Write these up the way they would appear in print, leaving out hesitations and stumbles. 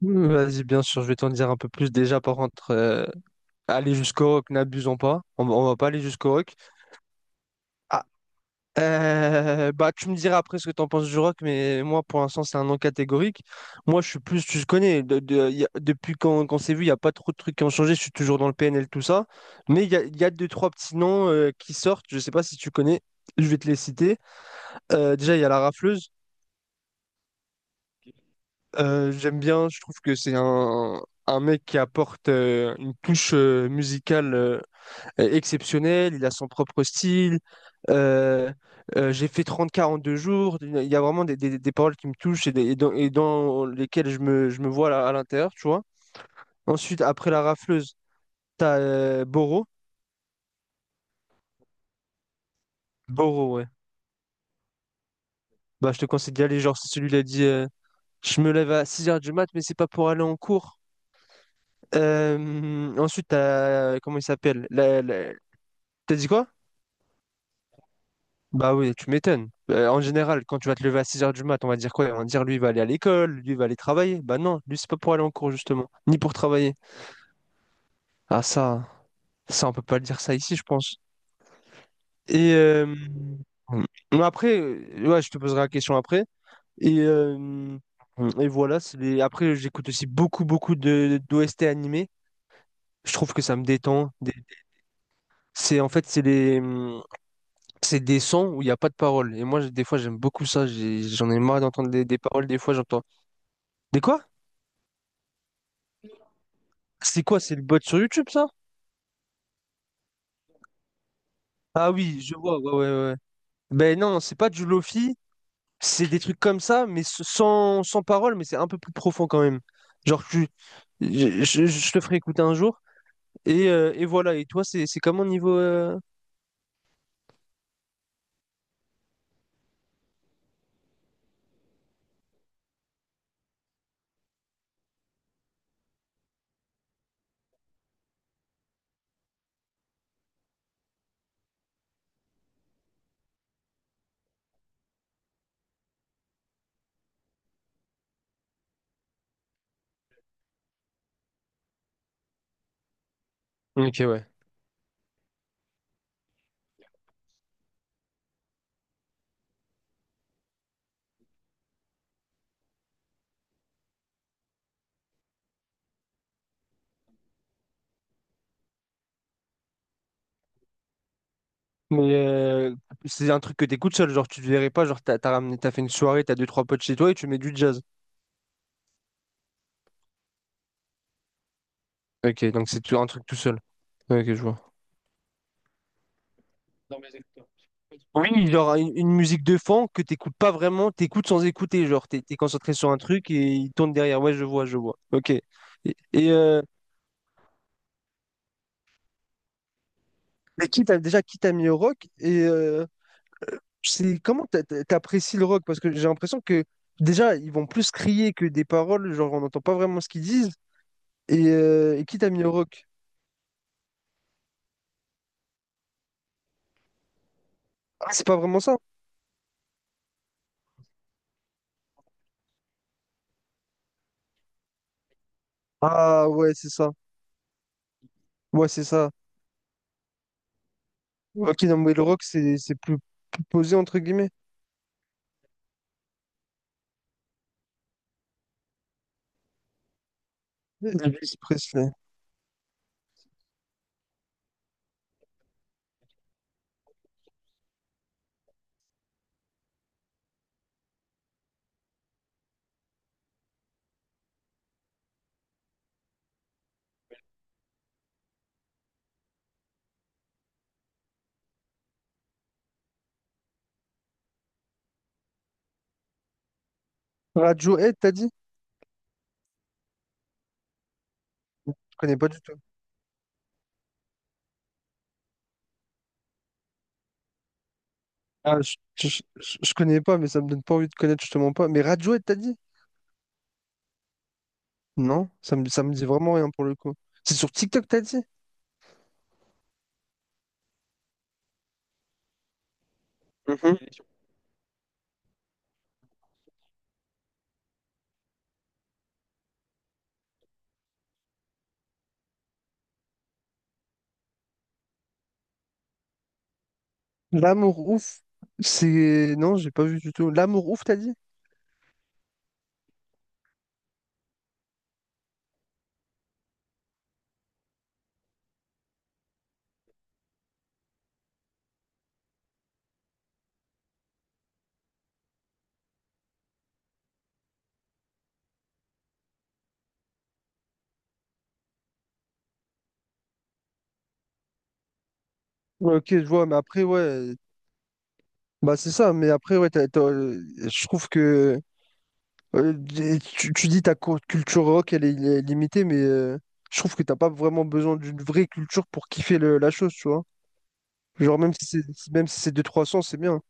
Mmh, vas-y, bien sûr, je vais t'en dire un peu plus. Déjà, par contre, aller jusqu'au rock, n'abusons pas. On va pas aller jusqu'au rock. Ah, bah, tu me diras après ce que t'en penses du rock, mais moi, pour l'instant, c'est un non catégorique. Moi, je suis plus, tu te connais, depuis qu'on s'est vu, il n'y a pas trop de trucs qui ont changé. Je suis toujours dans le PNL, tout ça. Mais il y a deux, trois petits noms qui sortent. Je sais pas si tu connais. Je vais te les citer. Déjà, il y a la rafleuse. J'aime bien. Je trouve que c'est un mec qui apporte une touche musicale. Exceptionnel, il a son propre style. euh, j'ai fait trente quarante deux jours. Il y a vraiment des paroles qui me touchent et dans lesquelles je me vois là, à l'intérieur, tu vois. Ensuite, après la rafleuse, t'as Boro. Boro, ouais. Bah, je te conseille d'y aller. Genre, c'est celui qui dit je me lève à 6 heures du mat, mais c'est pas pour aller en cours. Ensuite, t'as. Comment il s'appelle T'as dit quoi? Bah oui, tu m'étonnes. En général, quand tu vas te lever à 6 heures du mat, on va dire quoi? On va dire lui, il va aller à l'école, lui, il va aller travailler. Bah non, lui, c'est pas pour aller en cours, justement, ni pour travailler. Ah ça, ça, on peut pas le dire ça ici, je pense. Et euh, mais après, ouais, je te poserai la question après. Et, euh, et voilà, c'est après, j'écoute aussi beaucoup, beaucoup de d'OST animés. Je trouve que ça me détend. C'est en fait, c'est des sons où il n'y a pas de paroles. Et moi, des fois, j'aime beaucoup ça. J'en ai marre d'entendre des paroles. Des fois, j'entends. Des quoi? C'est quoi? C'est le bot sur YouTube, ça? Ah oui, je vois, ouais, ouais, ouais, ouais. Ben non, c'est pas du lofi, c'est des trucs comme ça, mais sans parole, mais c'est un peu plus profond quand même. Genre, je te ferai écouter un jour, et voilà. Et toi, c'est comment niveau. Ok, ouais. Mais c'est un truc que t'écoutes seul, genre, tu te verrais pas, genre, t'as ramené, t'as fait une soirée, t'as deux, trois potes chez toi, et tu mets du jazz. Ok, donc c'est un truc tout seul. Ok, je vois. Oui, genre une musique de fond que t'écoutes pas vraiment, t'écoutes sans écouter, genre t'es concentré sur un truc et il tourne derrière. Ouais, je vois, je vois. Ok. Et, et, euh, mais qui t'a mis au rock c'est comment t'apprécies le rock? Parce que j'ai l'impression que déjà ils vont plus crier que des paroles, genre on n'entend pas vraiment ce qu'ils disent. Et qui t'a mis au rock? Ah, c'est pas vraiment ça. Ah ouais, c'est ça. Ouais, c'est ça. Ok, non mais le rock c'est plus, posé entre guillemets. Elvis Presley. Radiohead, t'as dit? Je connais pas du tout. Ah, je connais pas, mais ça me donne pas envie de connaître, justement pas. Mais Radiohead, t'as dit? Non, ça me dit vraiment rien pour le coup. C'est sur TikTok, t'as dit? Mhm. L'amour ouf. C'est. Non, j'ai pas vu du tout. L'amour ouf, t'as dit? Ouais, ok, je vois, mais après, ouais. Bah, c'est ça, mais après, ouais, je trouve que. euh, tu dis ta culture rock, elle est limitée, mais je trouve que t'as pas vraiment besoin d'une vraie culture pour kiffer la chose, tu vois. Genre, même si c'est deux trois cents, c'est bien.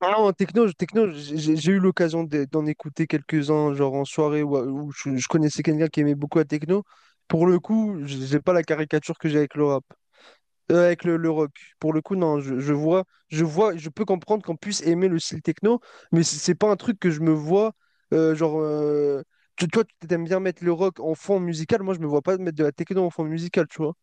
Ah non, techno, techno j'ai eu l'occasion d'en écouter quelques-uns, genre en soirée où je connaissais quelqu'un qui aimait beaucoup la techno. Pour le coup, j'ai pas la caricature que j'ai avec le rap, avec le rock. Pour le coup, non, je vois, je peux comprendre qu'on puisse aimer le style techno, mais c'est pas un truc que je me vois, genre, toi, tu t'aimes bien mettre le rock en fond musical, moi, je me vois pas mettre de la techno en fond musical, tu vois.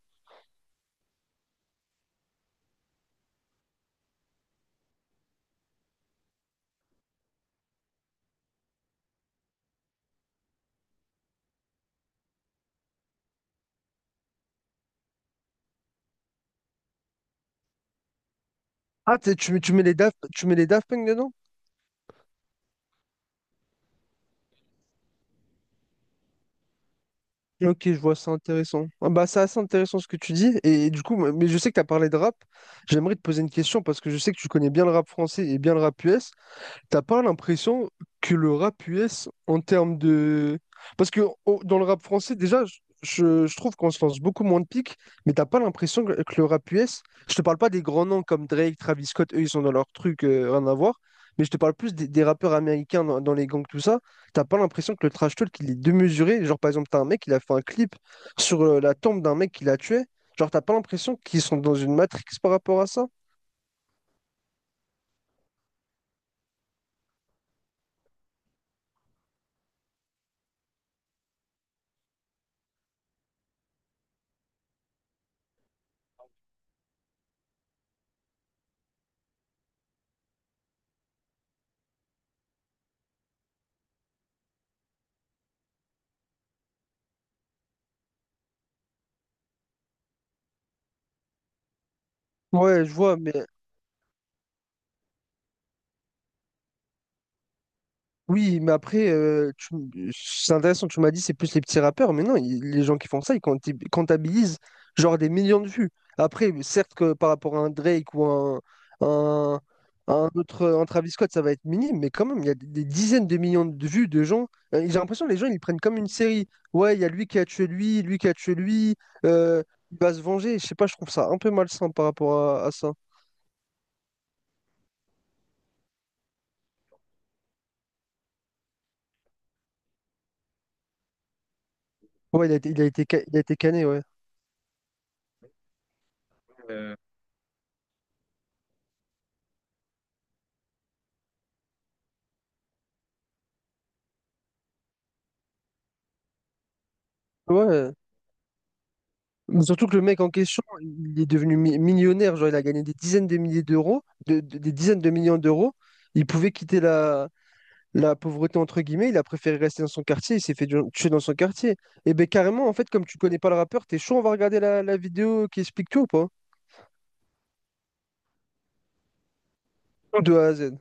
Ah, tu mets les Daft Punk dedans? Ok, je vois, c'est intéressant. Ah bah, c'est assez intéressant ce que tu dis. Et, du coup, mais je sais que tu as parlé de rap. J'aimerais te poser une question parce que je sais que tu connais bien le rap français et bien le rap US. T'as pas l'impression que le rap US, en termes de... Parce que dans le rap français, déjà, je trouve qu'on se lance beaucoup moins de piques, mais t'as pas l'impression que le rap US, je te parle pas des grands noms comme Drake, Travis Scott, eux, ils sont dans leur truc, rien à voir, mais je te parle plus des rappeurs américains dans les gangs, tout ça. T'as pas l'impression que le trash talk, il est démesuré. Genre, par exemple, t'as un mec, il a fait un clip sur la tombe d'un mec qui l'a tué. Genre, t'as pas l'impression qu'ils sont dans une matrix par rapport à ça? Ouais, je vois, mais oui, mais après, c'est intéressant, tu m'as dit c'est plus les petits rappeurs, mais non, les gens qui font ça, comptabilisent genre des millions de vues. Après, certes que par rapport à un Drake ou un, un autre, un Travis Scott, ça va être minime, mais quand même, il y a des dizaines de millions de vues de gens. J'ai l'impression que les gens, ils le prennent comme une série. Ouais, il y a lui qui a tué lui, lui qui a tué lui, euh, il va se venger. Je sais pas, je trouve ça un peu malsain par rapport à ça. Ouais, il a été cané, ouais. Ouais. Surtout que le mec en question, il est devenu millionnaire, genre il a gagné des dizaines de milliers d'euros, des dizaines de millions d'euros. Il pouvait quitter la pauvreté entre guillemets, il a préféré rester dans son quartier, il s'est fait tuer dans son quartier. Et ben carrément, en fait, comme tu connais pas le rappeur, t'es chaud, on va regarder la vidéo qui explique tout ou pas? Tout de A à Z.